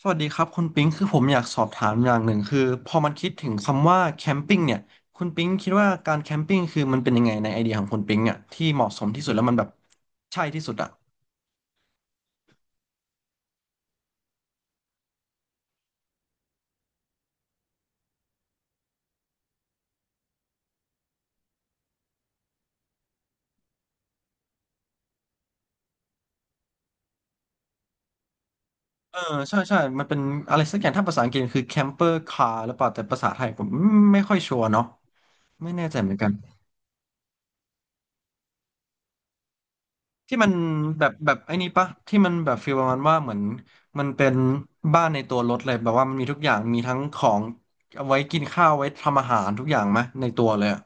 สวัสดีครับคุณปิ๊งคือผมอยากสอบถามอย่างหนึ่งคือพอมันคิดถึงคำว่าแคมปิ้งเนี่ยคุณปิ๊งคิดว่าการแคมปิ้งคือมันเป็นยังไงในไอเดียของคุณปิ๊งอ่ะที่เหมาะสมที่สุดแล้วมันแบบใช่ที่สุดอ่ะเออใช่ใช่มันเป็นอะไรสักอย่างถ้าภาษาอังกฤษคือแคมเปอร์คาร์หรือเปล่าแต่ภาษาไทยผมไม่ค่อยชัวร์เนาะไม่แน่ใจเหมือนกันที่มันแบบไอ้นี่ปะที่มันแบบฟีลประมาณว่าเหมือนมันเป็นบ้านในตัวรถเลยแบบว่ามันมีทุกอย่างมีทั้งของเอาไว้กินข้าวไว้ทำอาหารทุกอย่างไหมในตัวเลยอะ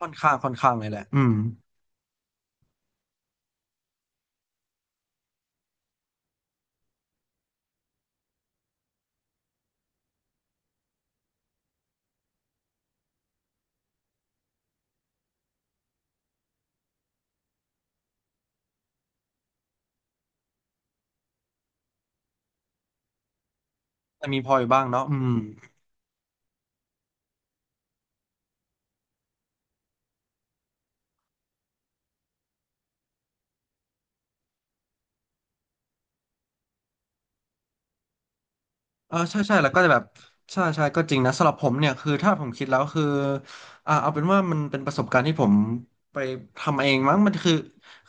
ค่อนข้างเลยแหละอืมแต่มีพออยู่บ้างเนาะอืมเออใช่ใช่แล้วก็จะแบบใช่ใช่ก็จริงนะสำหรับผมเนี่ยคือถ้าผมคิดแล้วคือเอาเป็นว่ามันเป็นประสบการณ์ที่ผมไปทำเองมั้งมันคือ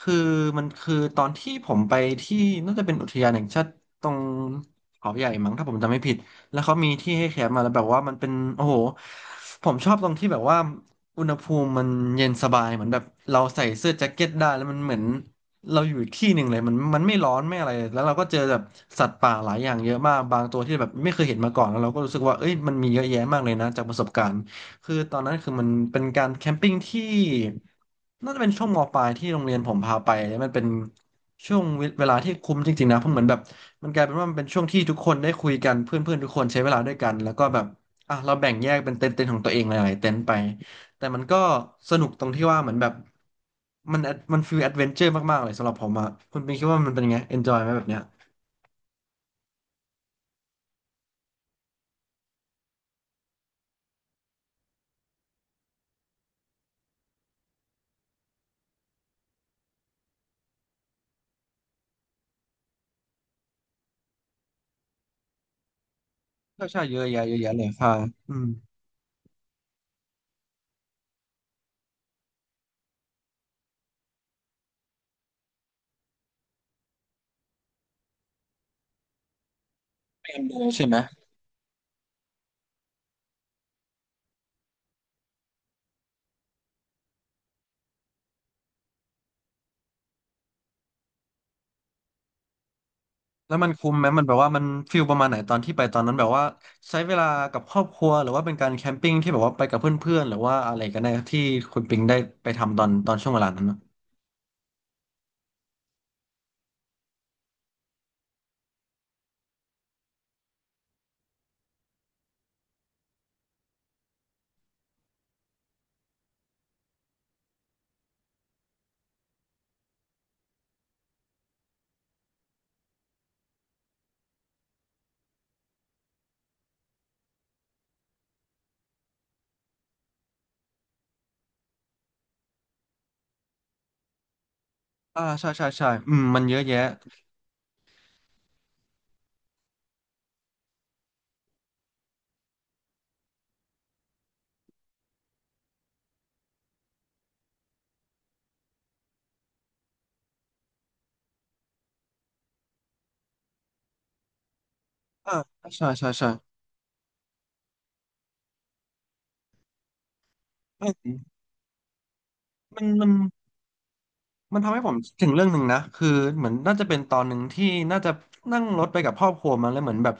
คือมันคือตอนที่ผมไปที่น่าจะเป็นอุทยานแห่งชาติตรงเขาใหญ่มั้งถ้าผมจำไม่ผิดแล้วเขามีที่ให้แคมป์มาแล้วแบบว่ามันเป็นโอ้โหผมชอบตรงที่แบบว่าอุณหภูมิมันเย็นสบายเหมือนแบบเราใส่เสื้อแจ็คเก็ตได้แล้วมันเหมือน เราอยู่อีกที่หนึ่งเลยมันไม่ร้อนไม่อะไรแล้วเราก็เจอแบบสัตว์ป่าหลายอย่างเยอะมากบางตัวที่แบบไม่เคยเห็นมาก่อนแล้วเราก็รู้สึกว่าเอ้ยมันมีเยอะแยะมากเลยนะจากประสบการณ์คือตอนนั้นคือมันเป็นการแคมปิ้งที่น่าจะเป็นช่วงมปลายที่โรงเรียนผมพาไปแล้วมันเป็นช่วงเวลาที่คุ้มจริงๆนะเพราะเหมือนแบบมันกลายเป็นว่ามันเป็นช่วงที่ทุกคนได้คุยกันเพื่อนๆทุกคนใช้เวลาด้วยกันแล้วก็แบบอ่ะเราแบ่งแยกเป็นเต็นท์ๆของตัวเองหลายๆเต็นท์ไป แต่มันก็สนุกตรงที่ว่าเหมือนแบบมันฟีลแอดเวนเจอร์มากๆเลยสำหรับผมอะคุณปิงคิดว่ามันเป็นยังไงเอนจอยไหมแบบเนี้ยใช่ใช่เยอะแยะเยอะแยะเลยค่ะอืมเอ็มดูใช่ไหมแล้วมันคุ้มไหมมันแบบว่ามันฟิลประมาณไหนตอนที่ไปตอนนั้นแบบว่าใช้เวลากับครอบครัวหรือว่าเป็นการแคมปิ้งที่แบบว่าไปกับเพื่อนๆหรือว่าอะไรกันแน่ที่คุณปิงได้ไปทำตอนช่วงเวลานั้นนะอ่าใช่ใช่ใช่อืมมันเยอะแยะอ่าใช่ใช่ใช่อืมมัน มันทำให้ผมคิดถึงเรื่องหนึ่งนะคือเหมือนน่าจะเป็นตอนหนึ่งที่น่าจะนั่งรถไปกับครอบครัวมาแล้วเหมือนแบบ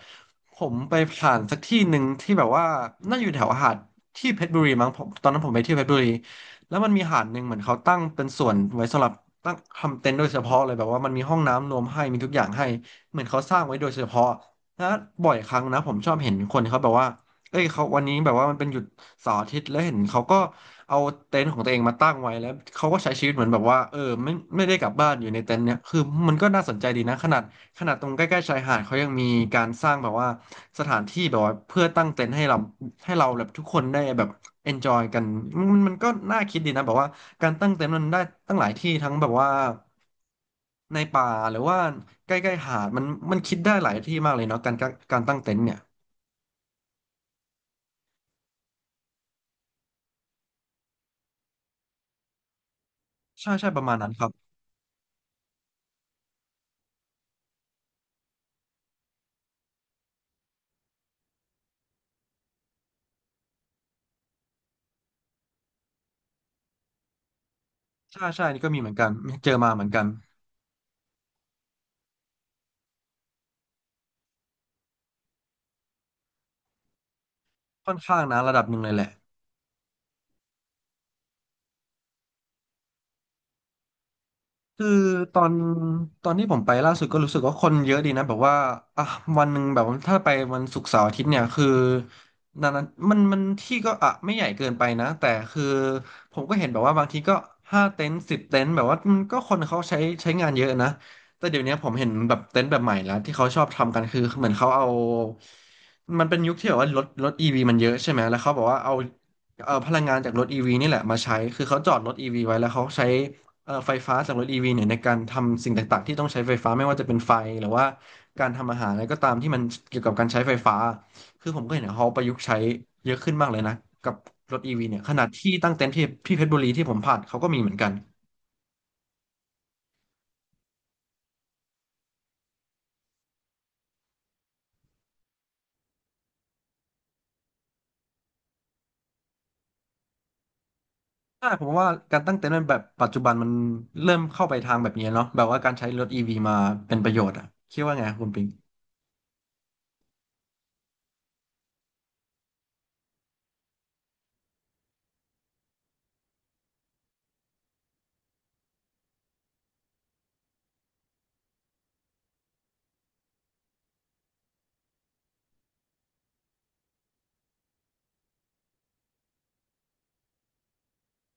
ผมไปผ่านสักที่หนึ่งที่แบบว่าน่าอยู่แถวหาดที่เพชรบุรีมั้งผมตอนนั้นผมไปเที่ยวเพชรบุรีแล้วมันมีหาดหนึ่งเหมือนเขาตั้งเป็นส่วนไว้สำหรับตั้งทำเต็นท์โดยเฉพาะเลยแบบว่ามันมีห้องน้ำรวมให้มีทุกอย่างให้เหมือนเขาสร้างไว้โดยเฉพาะแล้วบ่อยครั้งนะผมชอบเห็นคนเขาแบบว่า เอ้ยเขาวันนี้แบบว่ามันเป็นหยุดเสาร์อาทิตย์แล้วเห็นเขาก็เอาเต็นท์ของตัวเองมาตั้งไว้แล้วเขาก็ใช้ชีวิตเหมือนแบบว่าเออไม่ไม่ได้กลับบ้านอยู่ในเต็นท์เนี่ยคือมันก็น่าสนใจดีนะขนาดตรงใกล้ๆชายหาดเขายังมีการสร้างแบบว่าสถานที่แบบว่าเพื่อตั้งเต็นท์ให้เราแบบทุกคนได้แบบ enjoy กันมันก็น่าคิดดีนะแบบว่าการตั้งเต็นท์มันได้ตั้งหลายที่ทั้งแบบว่าในป่าหรือว่าใกล้ๆหาดมันคิดได้หลายที่มากเลยเนาะการการตั้งเต็นท์เนี่ยใช่ใช่ประมาณนั้นครับ ใช่ใช่อันนี่ก็มีเหมือนกัน เจอมาเหมือนกัน ค่อนข้างนะระดับหนึ่งเลยแหละ คือตอนตอนที่ผมไปล่าสุดก็รู้สึกว่าคนเยอะดีนะแบบว่าอ่ะวันหนึ่งแบบว่าถ้าไปวันศุกร์เสาร์อาทิตย์เนี่ยคือนานั้นมันที่ก็ไม่ใหญ่เกินไปนะแต่คือผมก็เห็นแบบว่าบางทีก็ห้าเต็นท์สิบเต็นท์แบบว่ามันก็คนเขาใช้งานเยอะนะแต่เดี๋ยวนี้ผมเห็นแบบเต็นท์แบบใหม่แล้วที่เขาชอบทำกันคือเหมือนเขาเอามันเป็นยุคที่แบบว่ารถอีวีมันเยอะใช่ไหมแล้วเขาบอกว่าเอาพลังงานจากรถอีวีนี่แหละมาใช้คือเขาจอดรถอีวีไว้แล้วเขาใช้ ไฟฟ้าจากรถ EV เนี่ยในการทำสิ่งต่างๆที่ต้องใช้ไฟฟ้าไม่ว่าจะเป็นไฟหรือว่าการทำอาหารอะไรก็ตามที่มันเกี่ยวกับการใช้ไฟฟ้าคือผมก็เห็นเขาประยุกต์ใช้เยอะขึ้นมากเลยนะกับรถ EV เนี่ยขนาดที่ตั้งเต็นท์ที่เพชรบุรีที่ผมผ่านเขาก็มีเหมือนกันใช่ผมว่าการตั้งเต็นท์ในแบบปัจจุบันมันเริ่มเข้าไปทางแบบนี้เนาะแบบว่าการใช้รถ EV มาเป็นประโยชน์อ่ะคิดว่าไงคุณปิง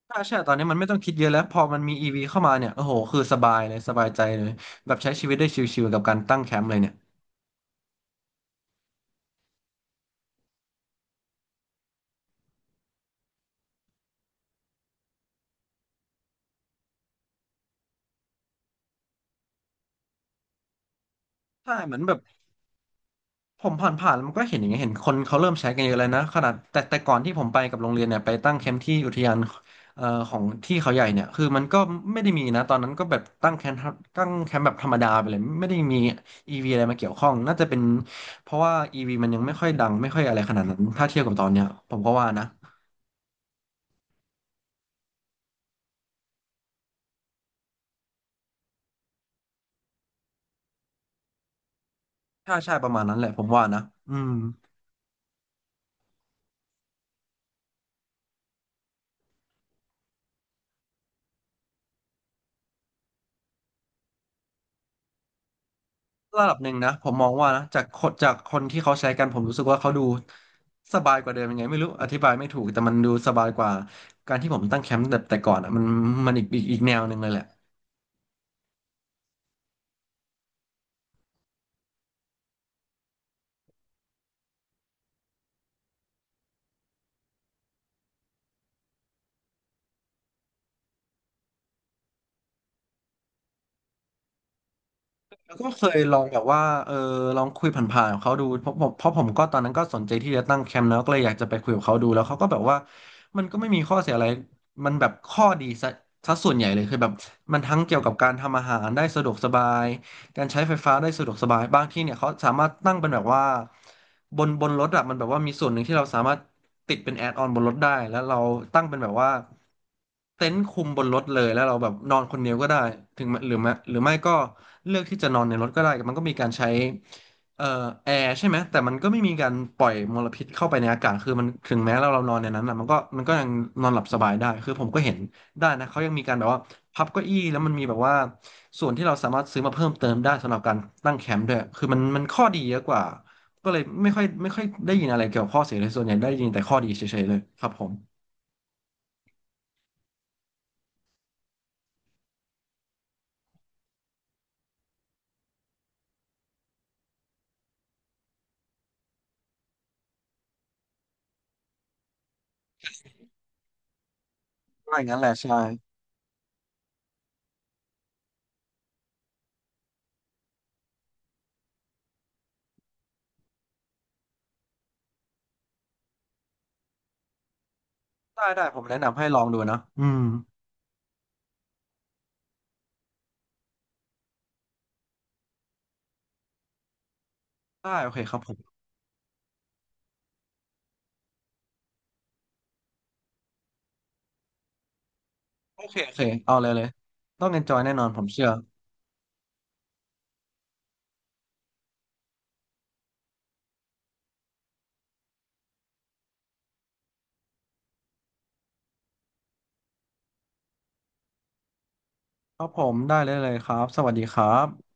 ใช่ใช่ตอนนี้มันไม่ต้องคิดเยอะแล้วพอมันมี EV เข้ามาเนี่ยโอ้โหคือสบายเลยสบายใจเลยแบบใช้ชีวิตได้ชิลๆกับการตั้งแคมป์เลยเนี่ยใช่เหมือนแบบ ผมผ่านมันก็เห็นอย่างเงี้ยเห็นคนเขาเริ่มใช้กันเยอะเลยนะขนาดแต่ก่อนที่ผมไปกับโรงเรียนเนี่ยไปตั้งแคมป์ที่อุทยานเอ่อของที่เขาใหญ่เนี่ยคือมันก็ไม่ได้มีนะตอนนั้นก็แบบตั้งแคมป์แบบธรรมดาไปเลยไม่ได้มี e ีวีอะไรมาเกี่ยวข้องน่าจะเป็นเพราะว่า e ีวีมันยังไม่ค่อยดังไม่ค่อยอะไรขนาดนั้นถ้าเทียบกับตอนเนี้ยผมก็ว่านะใช่ใช่ประมาณนั้นแหละผมว่านะอืม ระดับหนึ่งนะผมมองว่านะจากคนที่เขาใช้กันผมรู้สึกว่าเขาดูสบายกว่าเดิมยังไงไม่รู้อธิบายไม่ถูกแต่มันดูสบายกว่าการที่ผมตั้งแคมป์แบบแต่ก่อนอ่ะมันมันอีกแนวหนึ่งเลยแหละแล้วก็เคยลองแบบว่าเออลองคุยผ่านๆกับเขาดูเพราะผมก็ตอนนั้นก็สนใจที่จะตั้งแคมป์แล้วก็เลยอยากจะไปคุยกับเขาดูแล้วเขาก็แบบว่ามันก็ไม่มีข้อเสียอะไรมันแบบข้อดีซะส่วนใหญ่เลยคือแบบมันทั้งเกี่ยวกับการทำอาหารได้สะดวกสบาย การใช้ไฟฟ้าได้สะดวกสบายบางที่เนี่ยเขาสามารถตั้งเป็นแบบว่าบนรถอะมันแบบว่ามีส่วนหนึ่งที่เราสามารถติดเป็นแอดออนบนรถได้ แล้วเราตั้งเป็นแบบว่าเต็นท์คุมบนรถเลยแล้วเราแบบนอนคนเดียวก็ได้ถึงแม้หรือไม่ก็เลือกที่จะนอนในรถก็ได้มันก็มีการใช้เอ่อแอร์ใช่ไหม แต่มันก็ไม่มีการปล่อยมลพิษเข้าไปในอากาศคือมันถึงแม้เรานอนในนั้นอะมันก็ยังนอนหลับสบายได้คือผมก็เห็น ได้นะเขายังมีการแบบว่าพับเก้าอี้แล้วมันมีแบบว่าส่วนที่เราสามารถซื้อมาเพิ่มเติมได้สำหรับการตั้งแคมป์ด้วยคือมันมันข้อดีเยอะกว่าก็เลยไม่ค่อยได้ยินอะไรเกี่ยวกับข้อเสียเลยส่วนใหญ่ได้ยินแต่ข้อดีเฉยๆเลยครับผมว่าอย่างนั้นแหละใช่ได้ผมแนะนำให้ลองดูนะอืมได้โอเคครับผมโอเคโอเคเอาเลยต้อง enjoy แน่นอนผมเชื่อครับผมได้เลยครับสวัสดีครับ